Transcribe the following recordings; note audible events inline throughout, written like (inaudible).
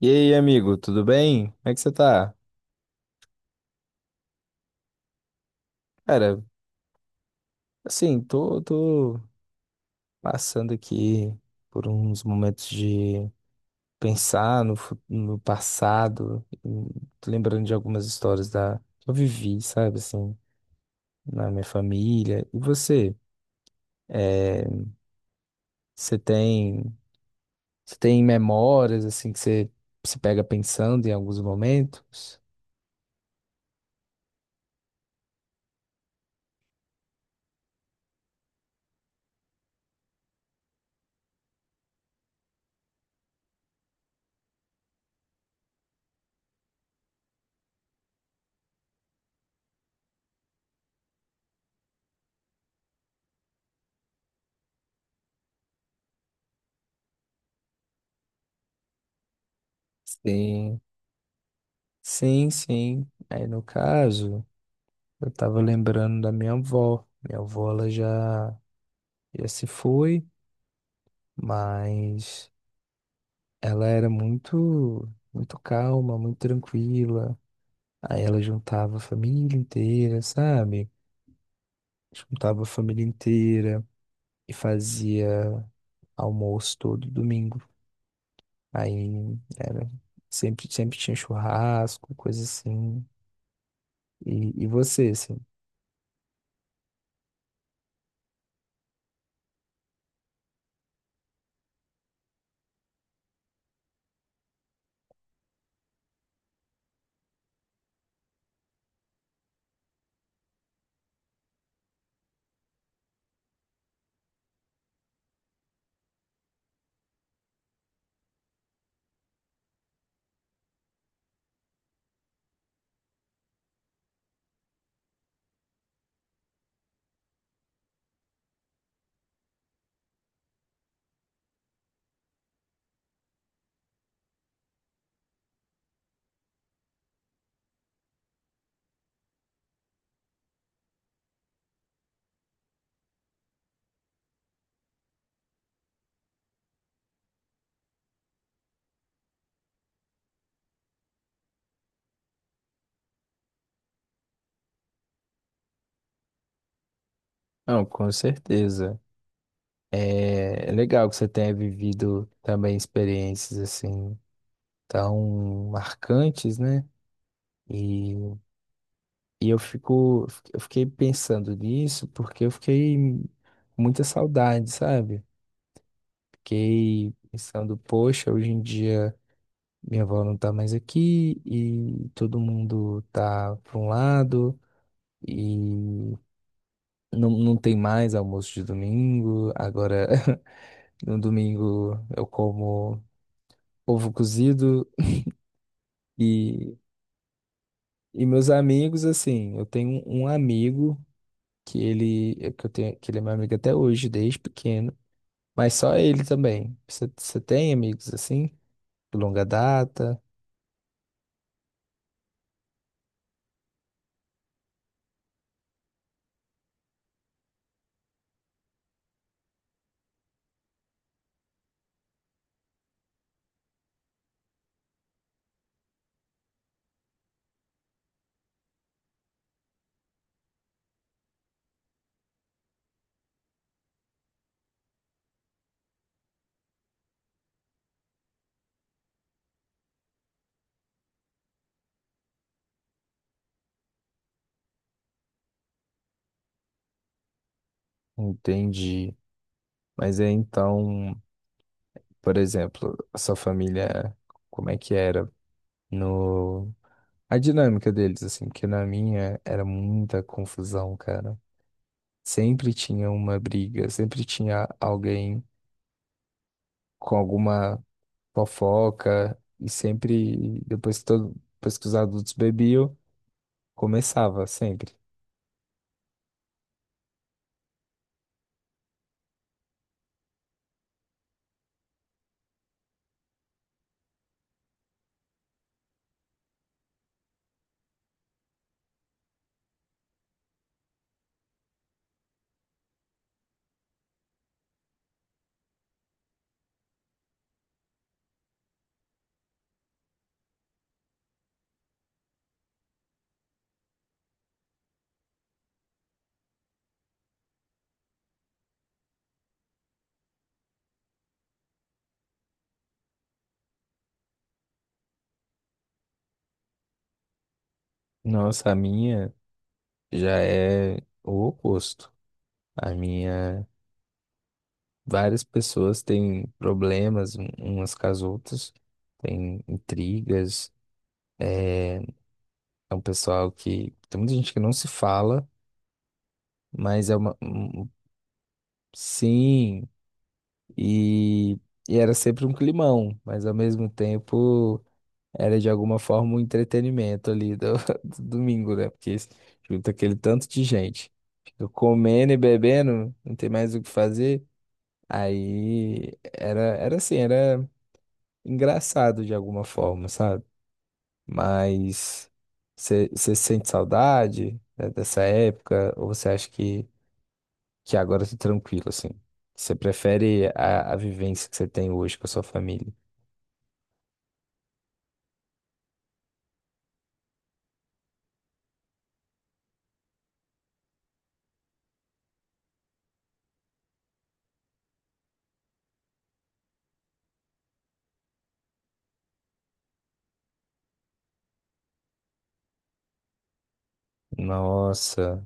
E aí, amigo, tudo bem? Como é que você tá? Cara, assim, tô passando aqui por uns momentos de pensar no passado. Tô lembrando de algumas histórias que eu vivi, sabe, assim, na minha família. E você? Você tem, você tem memórias, assim, que você se pega pensando em alguns momentos? Sim, sim, sim. Aí, no caso, eu tava lembrando da minha avó. Minha avó, ela já. Já se foi, mas ela era muito, muito calma, muito tranquila. Aí ela juntava a família inteira, sabe? Juntava a família inteira e fazia almoço todo domingo. Aí era sempre, sempre tinha churrasco, coisa assim. E você, assim? Não, com certeza. É, é legal que você tenha vivido também experiências assim tão marcantes, né? E E eu fico, eu fiquei pensando nisso porque eu fiquei com muita saudade, sabe? Fiquei pensando, poxa, hoje em dia minha avó não tá mais aqui e todo mundo tá para um lado e não tem mais almoço de domingo. Agora, (laughs) no domingo eu como ovo cozido e, e meus amigos, assim, eu tenho um amigo que ele, que eu tenho, que ele é meu amigo até hoje, desde pequeno. Mas só ele também. Você tem amigos assim, de longa data? Entendi. Mas é então, por exemplo, a sua família, como é que era no... A dinâmica deles, assim, porque na minha era muita confusão, cara. Sempre tinha uma briga, sempre tinha alguém com alguma fofoca, e sempre, depois que os adultos bebiam, começava, sempre. Nossa, a minha já é o oposto. A minha, várias pessoas têm problemas umas com as outras, têm intrigas. É um pessoal que tem muita gente que não se fala, mas é uma um, sim, e, e era sempre um climão, mas ao mesmo tempo era de alguma forma um entretenimento ali do, (laughs) do domingo, né? Porque junta aquele tanto de gente, fica comendo e bebendo, não tem mais o que fazer. Aí era engraçado de alguma forma, sabe? Mas você sente saudade, né, dessa época? Ou você acha que agora tá tranquilo, assim? Você prefere a vivência que você tem hoje com a sua família? Nossa,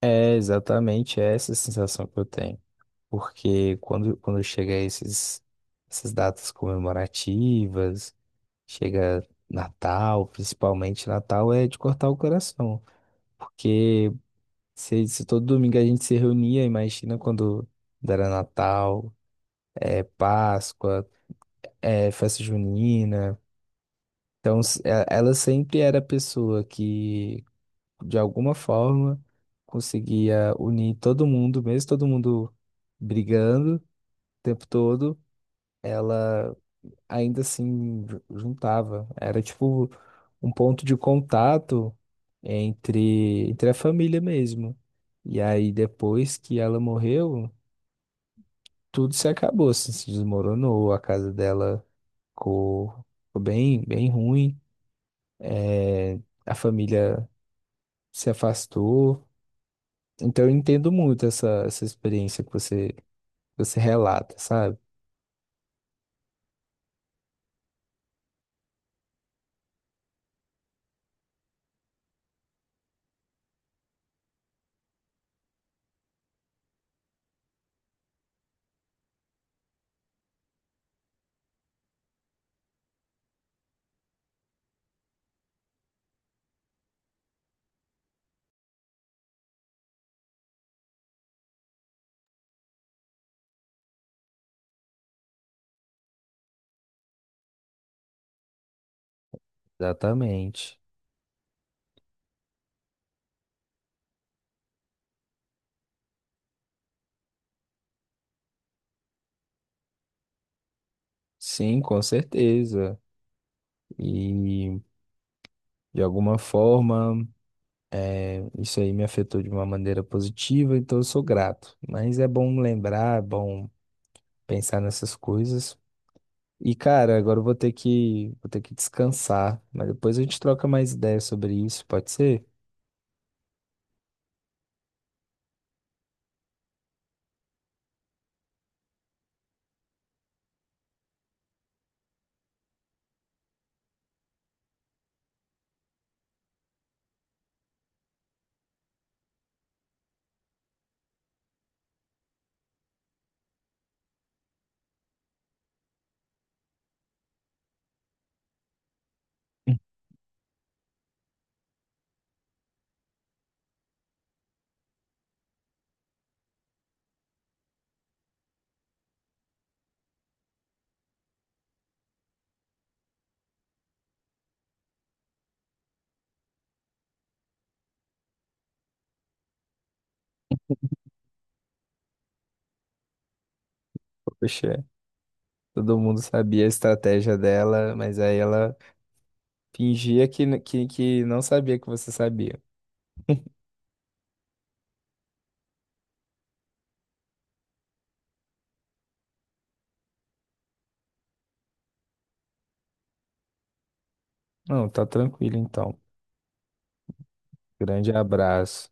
é exatamente essa sensação que eu tenho. Porque quando chega essas datas comemorativas, chega Natal, principalmente Natal, é de cortar o coração. Porque se todo domingo a gente se reunia, imagina quando era Natal, é, Páscoa, é, festa junina. Então, ela sempre era a pessoa que, de alguma forma, conseguia unir todo mundo, mesmo todo mundo brigando o tempo todo. Ela ainda assim juntava. Era tipo um ponto de contato entre a família mesmo. E aí, depois que ela morreu, tudo se acabou, assim, se desmoronou, a casa dela ficou, ficou bem, bem ruim, é, a família se afastou. Então, eu entendo muito essa experiência que você relata, sabe? Exatamente. Sim, com certeza. E de alguma forma. Isso aí me afetou de uma maneira positiva, então eu sou grato. Mas é bom lembrar, é bom pensar nessas coisas. E, cara, agora eu vou ter que descansar, mas depois a gente troca mais ideias sobre isso, pode ser? (laughs) Poxa, todo mundo sabia a estratégia dela, mas aí ela fingia que não sabia que você sabia. Não, tá tranquilo então. Grande abraço.